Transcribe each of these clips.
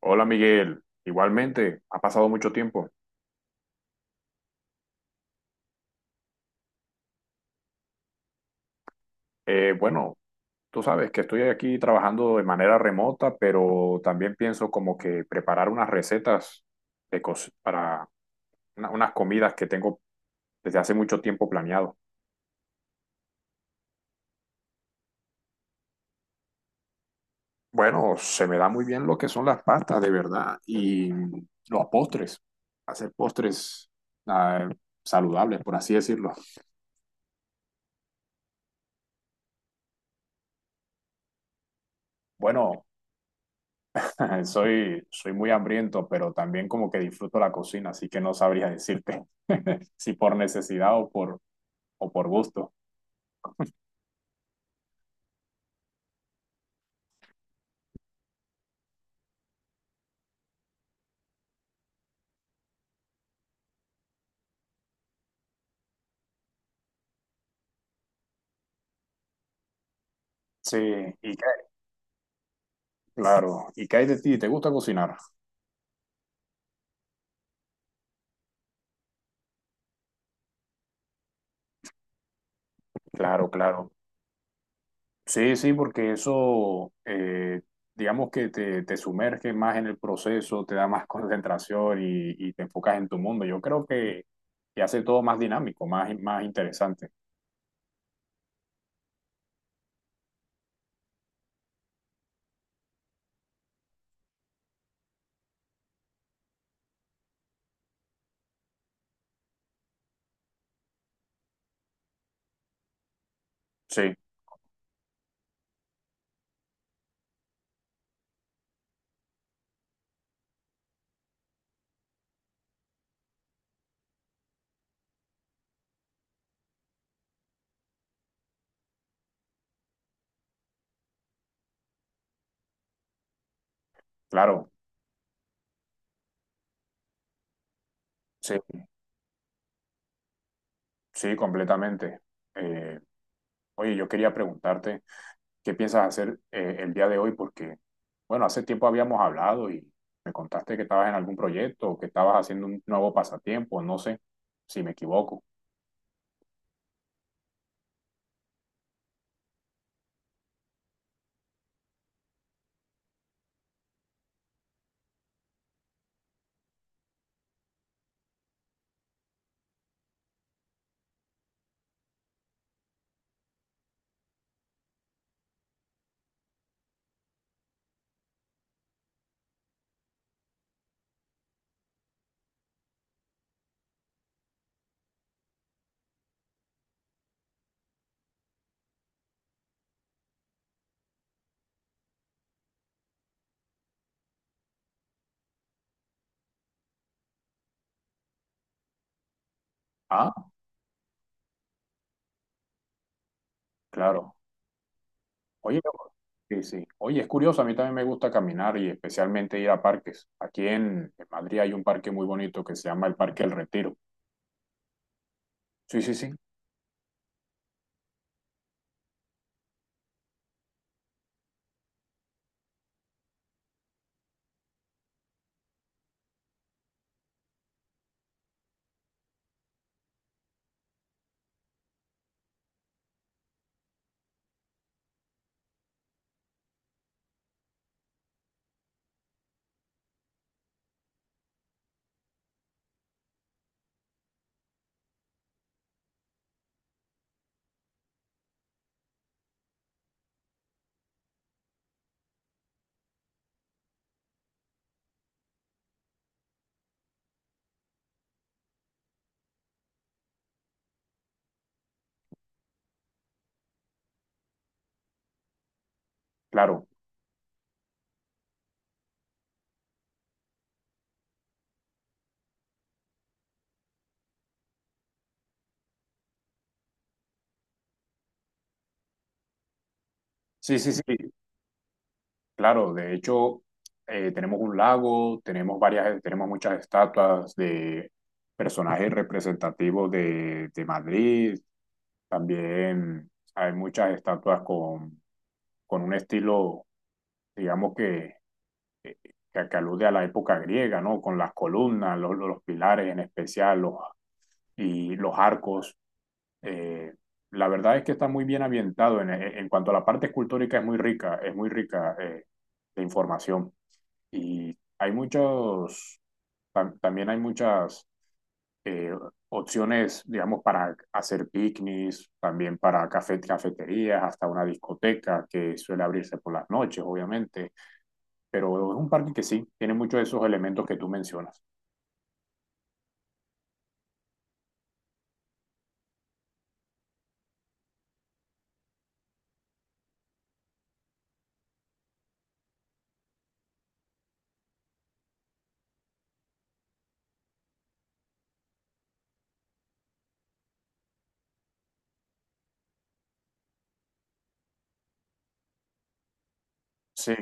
Hola Miguel, igualmente, ha pasado mucho tiempo. Bueno, tú sabes que estoy aquí trabajando de manera remota, pero también pienso como que preparar unas recetas para unas comidas que tengo desde hace mucho tiempo planeado. Bueno, se me da muy bien lo que son las pastas, de verdad, y los postres, hacer postres ah, saludables, por así decirlo. Bueno, soy muy hambriento, pero también como que disfruto la cocina, así que no sabría decirte si por necesidad o por gusto. Sí, y qué- claro, ¿y qué hay de ti? ¿Te gusta cocinar? Claro, claro. Sí, sí, porque digamos que te sumerge más en el proceso, te da más concentración y te enfocas en tu mundo. Yo creo que te hace todo más dinámico, más, más interesante. Sí, claro, sí, sí, completamente. Eh, Oye, yo quería preguntarte. ¿Qué piensas hacer el día de hoy? Porque, bueno, hace tiempo habíamos hablado y me contaste que estabas en algún proyecto o que estabas haciendo un nuevo pasatiempo, no sé si me equivoco. Ah, claro. Oye, sí, sí. Oye, es curioso, a mí también me gusta caminar y especialmente ir a parques. Aquí en Madrid hay un parque muy bonito que se llama el Parque El Retiro. Sí, sí, sí, claro. Sí, sí, sí. Claro, de hecho, tenemos un lago, tenemos varias, tenemos muchas estatuas de personajes representativos de Madrid. También hay muchas estatuas con un estilo, digamos que, eh, que alude a la época griega, ¿no? Con las columnas, los pilares en especial, los, y los arcos. Eh, la verdad es que está muy bien ambientado. En cuanto a la parte escultórica, es muy rica, de información. Y hay muchos, también hay muchas eh, opciones, digamos, para hacer picnics, también para café, cafeterías, hasta una discoteca que suele abrirse por las noches, obviamente. Pero es un parque que sí, tiene muchos de esos elementos que tú mencionas. Sí,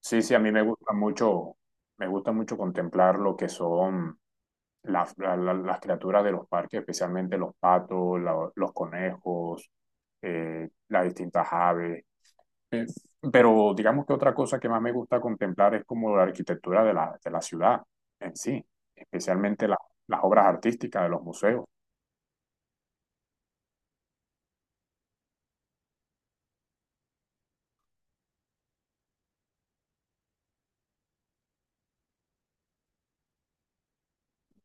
sí, sí, a mí me gusta mucho contemplar lo que son las criaturas de los parques, especialmente los patos, los conejos, las distintas aves. Eh, pero digamos que otra cosa que más me gusta contemplar es como la arquitectura de de la ciudad en sí, especialmente las obras artísticas de los museos.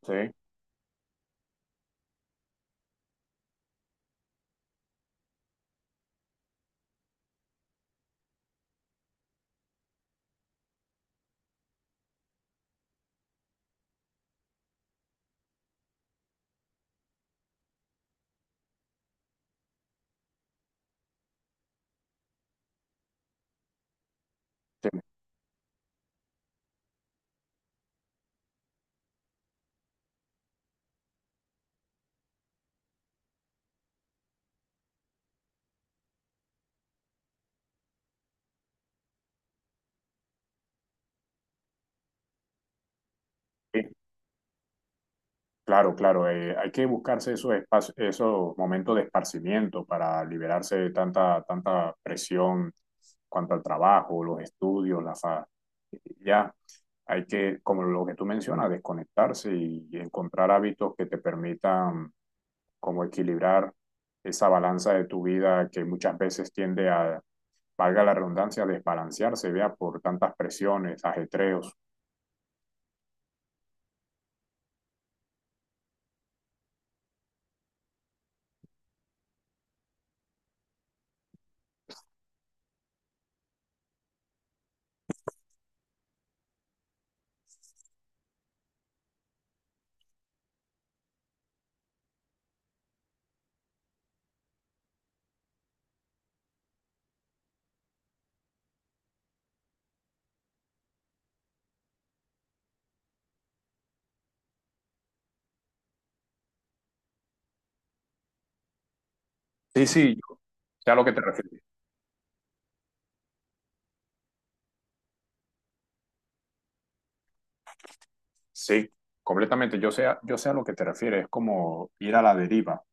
¿Sí? Sí, sí, claro, claro, hay que buscarse esos espacios, esos momentos de esparcimiento para liberarse de tanta, tanta presión cuanto al trabajo, los estudios, ya. Hay que, como lo que tú mencionas, desconectarse y encontrar hábitos que te permitan como equilibrar esa balanza de tu vida que muchas veces tiende a, valga la redundancia, desbalancearse, vea, por tantas presiones, ajetreos. Sí, sí, yo sé a lo que te refieres. Sí, completamente, yo sé, yo sé a lo que te refieres, es como ir a la deriva.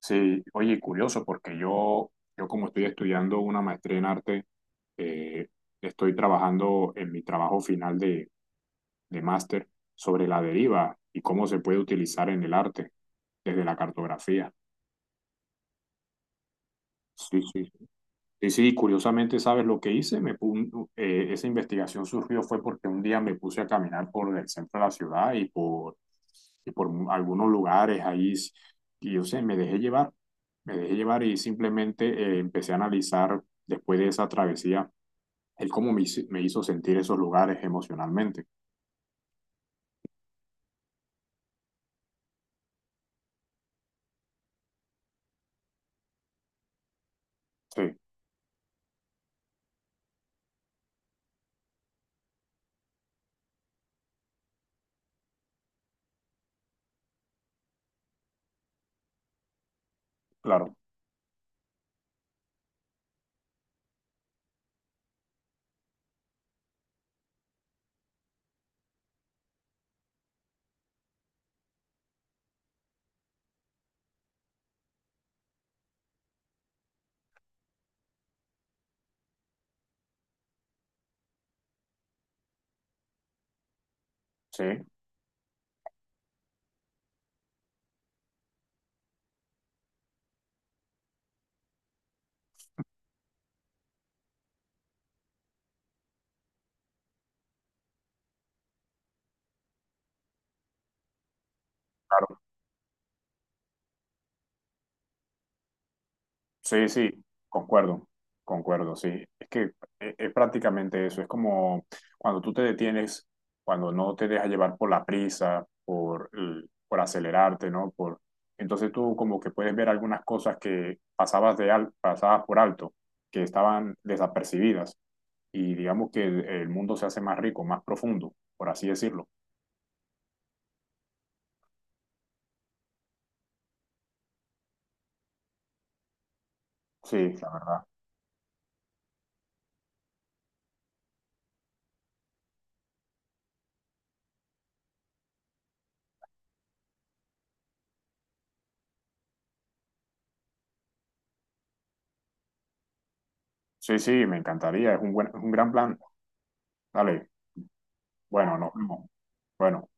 Sí, oye, curioso, porque yo como estoy estudiando una maestría en arte, eh, estoy trabajando en mi trabajo final de máster sobre la deriva y cómo se puede utilizar en el arte desde la cartografía. Sí, sí, sí, sí, curiosamente, ¿sabes lo que hice? Esa investigación surgió fue porque un día me puse a caminar por el centro de la ciudad y por algunos lugares ahí, y yo sé, me dejé llevar y simplemente empecé a analizar después de esa travesía el cómo me hizo sentir esos lugares emocionalmente. Sí, claro, sí, claro. Sí, sí, concuerdo, concuerdo, sí. Es que es prácticamente eso, es como cuando tú te detienes, cuando no te dejas llevar por la prisa, por acelerarte, ¿no? Por, entonces tú como que puedes ver algunas cosas que pasabas, pasabas por alto, que estaban desapercibidas y digamos que el mundo se hace más rico, más profundo, por así decirlo. Sí, la verdad. Sí, sí, me encantaría, es un buen, es un gran plan. Dale, bueno, nos vemos. Bueno.